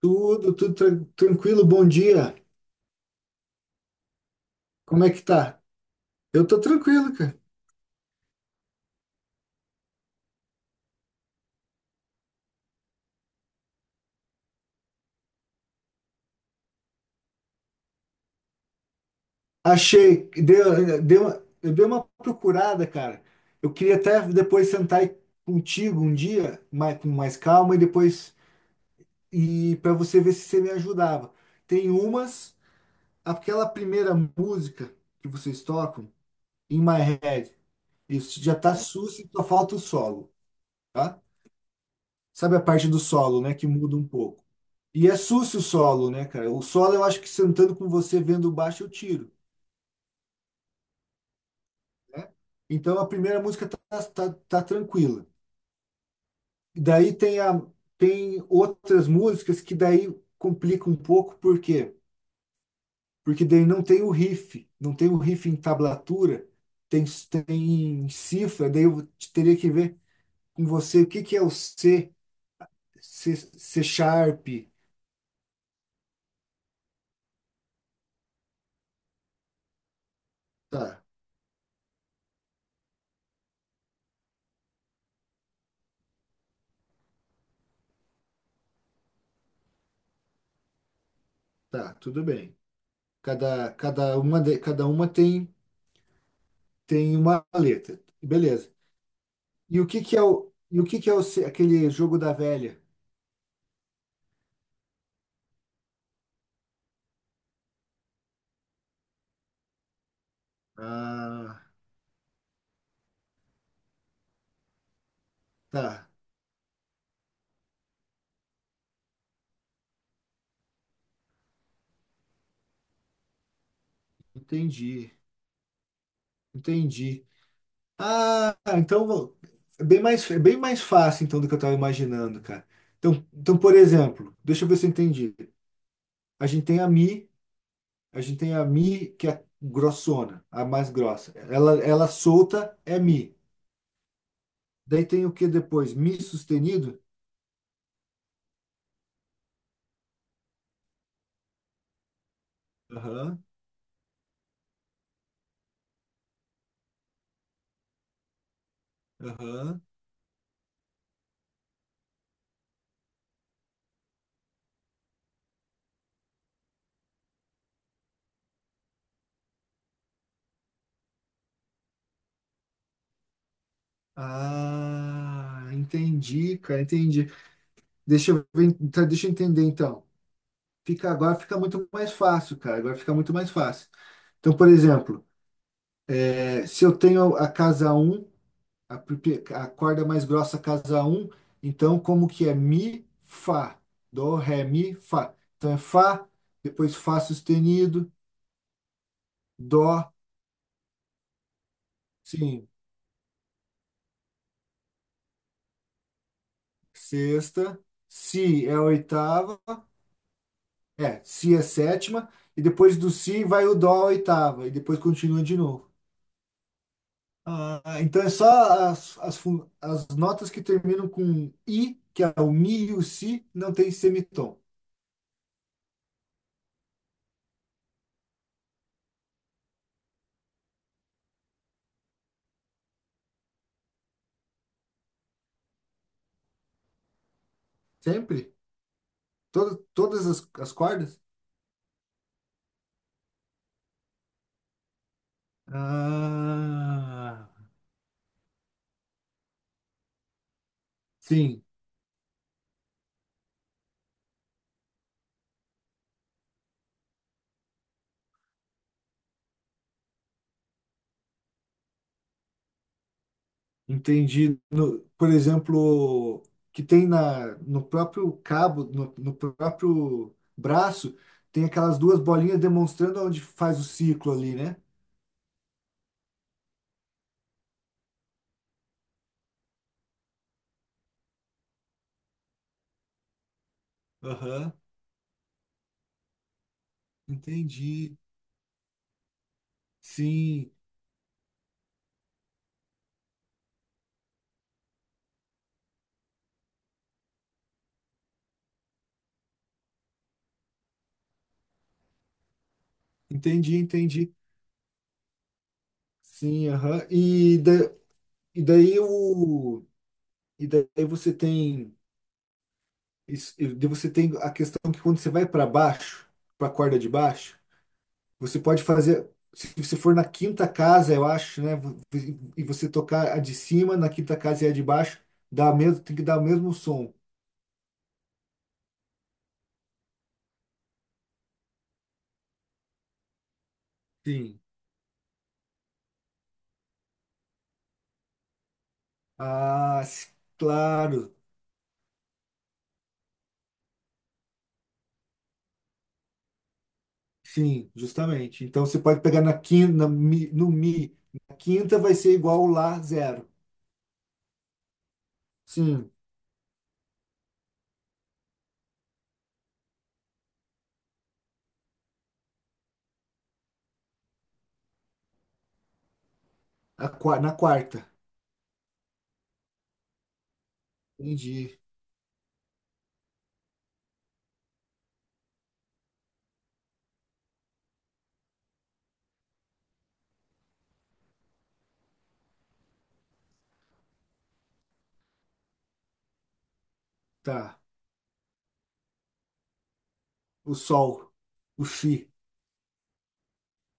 Tudo, tranquilo, bom dia. Como é que tá? Eu tô tranquilo, cara. Achei, eu dei uma procurada, cara. Eu queria até depois sentar aí contigo um dia, com mais calma, e para você ver se você me ajudava. Tem umas, Aquela primeira música que vocês tocam, In My Head, isso já tá sus e só falta o solo, tá? Sabe a parte do solo, né? Que muda um pouco. E é sucio o solo, né, cara? O solo eu acho que sentando com você vendo baixo eu tiro, né? Então a primeira música tá tranquila. E daí tem outras músicas que daí complica um pouco, por quê? Porque daí não tem o riff, não tem o riff em tablatura, tem, tem em cifra, daí eu teria que ver com você o que que é o C, C sharp. Tá, tá, tudo bem. Cada uma tem uma letra. Beleza. E o que que é o, e o que que é o, se- Aquele jogo da velha? Ah, tá. Entendi. Entendi. Ah, então vou- É bem mais fácil então do que eu estava imaginando, cara. Então, por exemplo, deixa eu ver se eu entendi. A gente tem a Mi, a gente tem a Mi que é grossona, a mais grossa. Ela solta é Mi. Daí tem o que depois? Mi sustenido? Aham, aham. Ah, entendi, cara, entendi. Deixa eu ver, tá, deixa eu entender então. Fica Agora fica muito mais fácil, cara. Agora fica muito mais fácil. Então, por exemplo, é, se eu tenho a casa um, a corda mais grossa casa um, então como que é mi, fá, dó, ré, mi, fá. Então é fá, depois fá sustenido, dó, sim, sexta, si é a oitava. É, si é sétima, e depois do si vai o dó a oitava, e depois continua de novo. Ah, então é só as notas que terminam com i, que é o mi e o si, não tem semitom. Sempre? Todas as cordas? Ah, sim, entendi. Por exemplo, que tem no próprio cabo, no próprio braço, tem aquelas duas bolinhas demonstrando onde faz o ciclo ali, né? Aham. Entendi. Sim, entendi, entendi. Sim, aham. E daí o e daí você tem isso, e daí você tem a questão que quando você vai para baixo, para a corda de baixo, você pode fazer se você for na quinta casa, eu acho, né, e você tocar a de cima, na quinta casa e a de baixo, dá mesmo, tem que dar o mesmo som. Sim. Ah, claro. Sim, justamente. Então você pode pegar na quinta, no mi, na quinta vai ser igual lá zero. Sim, na quarta. Entendi. Tá. O sol, o chi.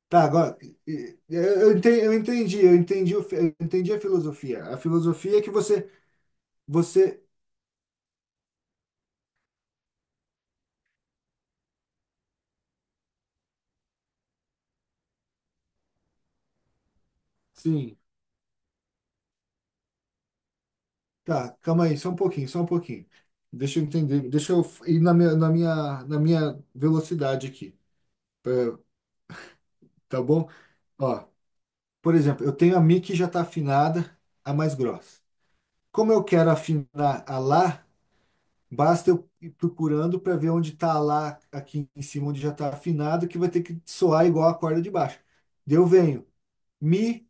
Tá, agora eu entendi, eu entendi a filosofia. A filosofia é que você, sim. Tá, calma aí, só um pouquinho, só um pouquinho. Deixa eu entender, deixa eu ir na minha velocidade aqui. Eh, Tá bom? Ó. Por exemplo, eu tenho a Mi que já está afinada, a mais grossa. Como eu quero afinar a Lá, basta eu ir procurando para ver onde está a Lá aqui em cima, onde já está afinado, que vai ter que soar igual a corda de baixo. Daí eu venho Mi,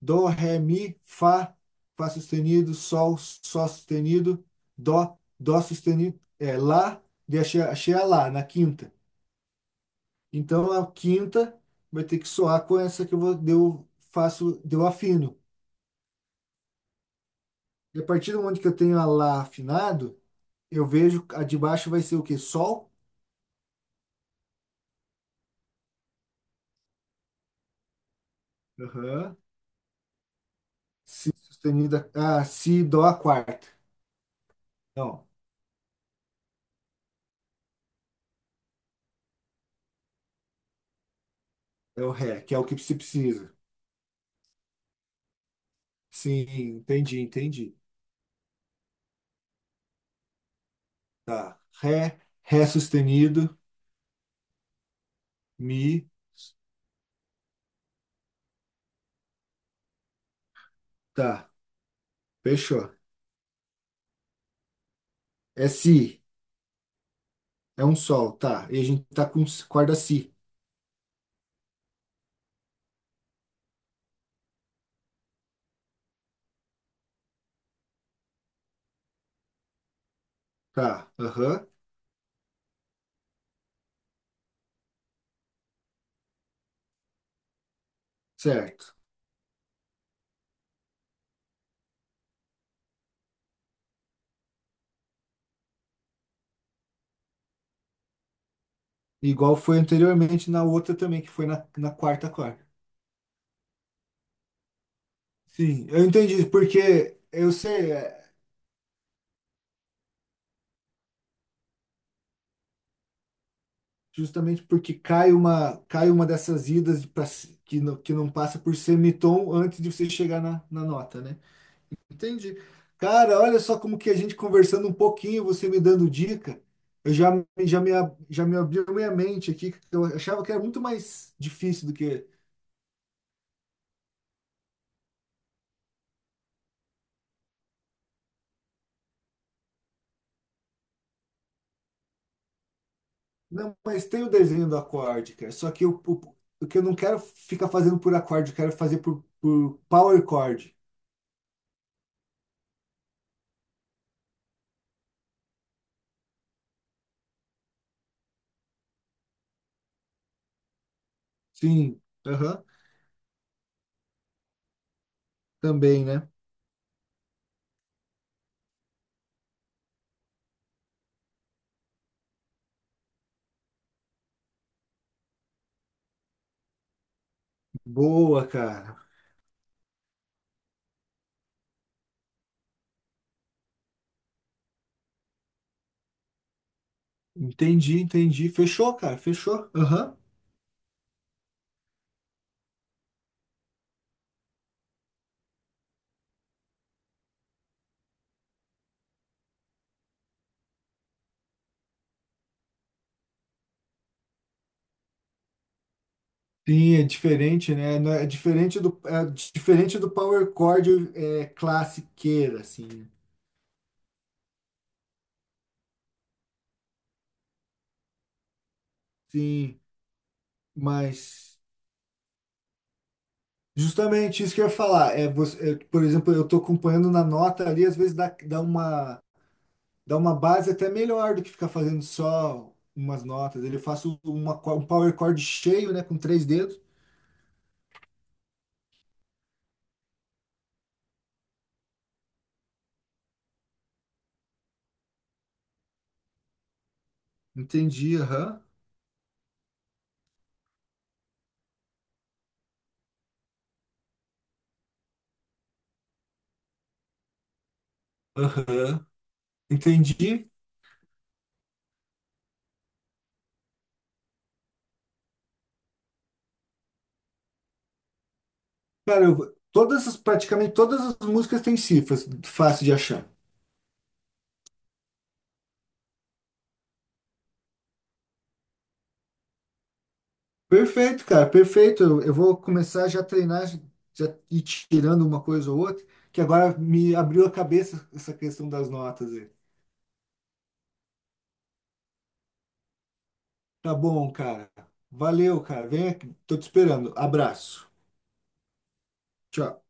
Dó, Ré, Mi, Fá, Fá sustenido, Sol, Sol sustenido, Dó, Dó sustenido, é Lá, daí achei a Lá na quinta. Então a quinta vai ter que soar com essa que eu vou, daí eu faço, daí eu afino. E a partir do momento que eu tenho a lá afinado, eu vejo a de baixo vai ser o quê? Sol? Aham. Si sustenida. Ah, si, dó a quarta. Não, é o ré, que é o que se precisa. Sim, entendi, entendi. Tá. Ré, ré sustenido, mi. Tá, fechou. É si, é um sol, tá. E a gente tá com corda si. Tá, aham, certo. Igual foi anteriormente na outra também, que foi na quarta corda. Sim, eu entendi, porque eu sei, é, justamente porque cai uma dessas que não passa por semitom antes de você chegar na nota, né? Entendi. Cara, olha só como que a gente conversando um pouquinho, você me dando dica, eu já, me, ab- já me abriu minha mente aqui, que eu achava que era muito mais difícil do que. Não, mas tem o desenho do acorde, cara, só que o que eu não quero ficar fazendo por acorde, eu quero fazer por power chord. Sim. Aham. Também, né? Boa, cara. Entendi, entendi. Fechou, cara, fechou. Aham. Sim, é diferente, né? Não. É diferente do Power Chord, é classiqueira, assim. Sim, mas justamente isso que eu ia falar. É, por exemplo, eu tô acompanhando na nota ali, às vezes dá uma base até melhor do que ficar fazendo só umas notas. Ele faz um Power Chord cheio, né? Com três dedos. Entendi, aham. Aham, entendi. Cara, praticamente todas as músicas têm cifras, fácil de achar. Perfeito, cara, perfeito. Eu vou começar já a treinar, já ir tirando uma coisa ou outra, que agora me abriu a cabeça essa questão das notas aí. Tá bom, cara. Valeu, cara. Vem aqui, tô te esperando. Abraço. Tchau.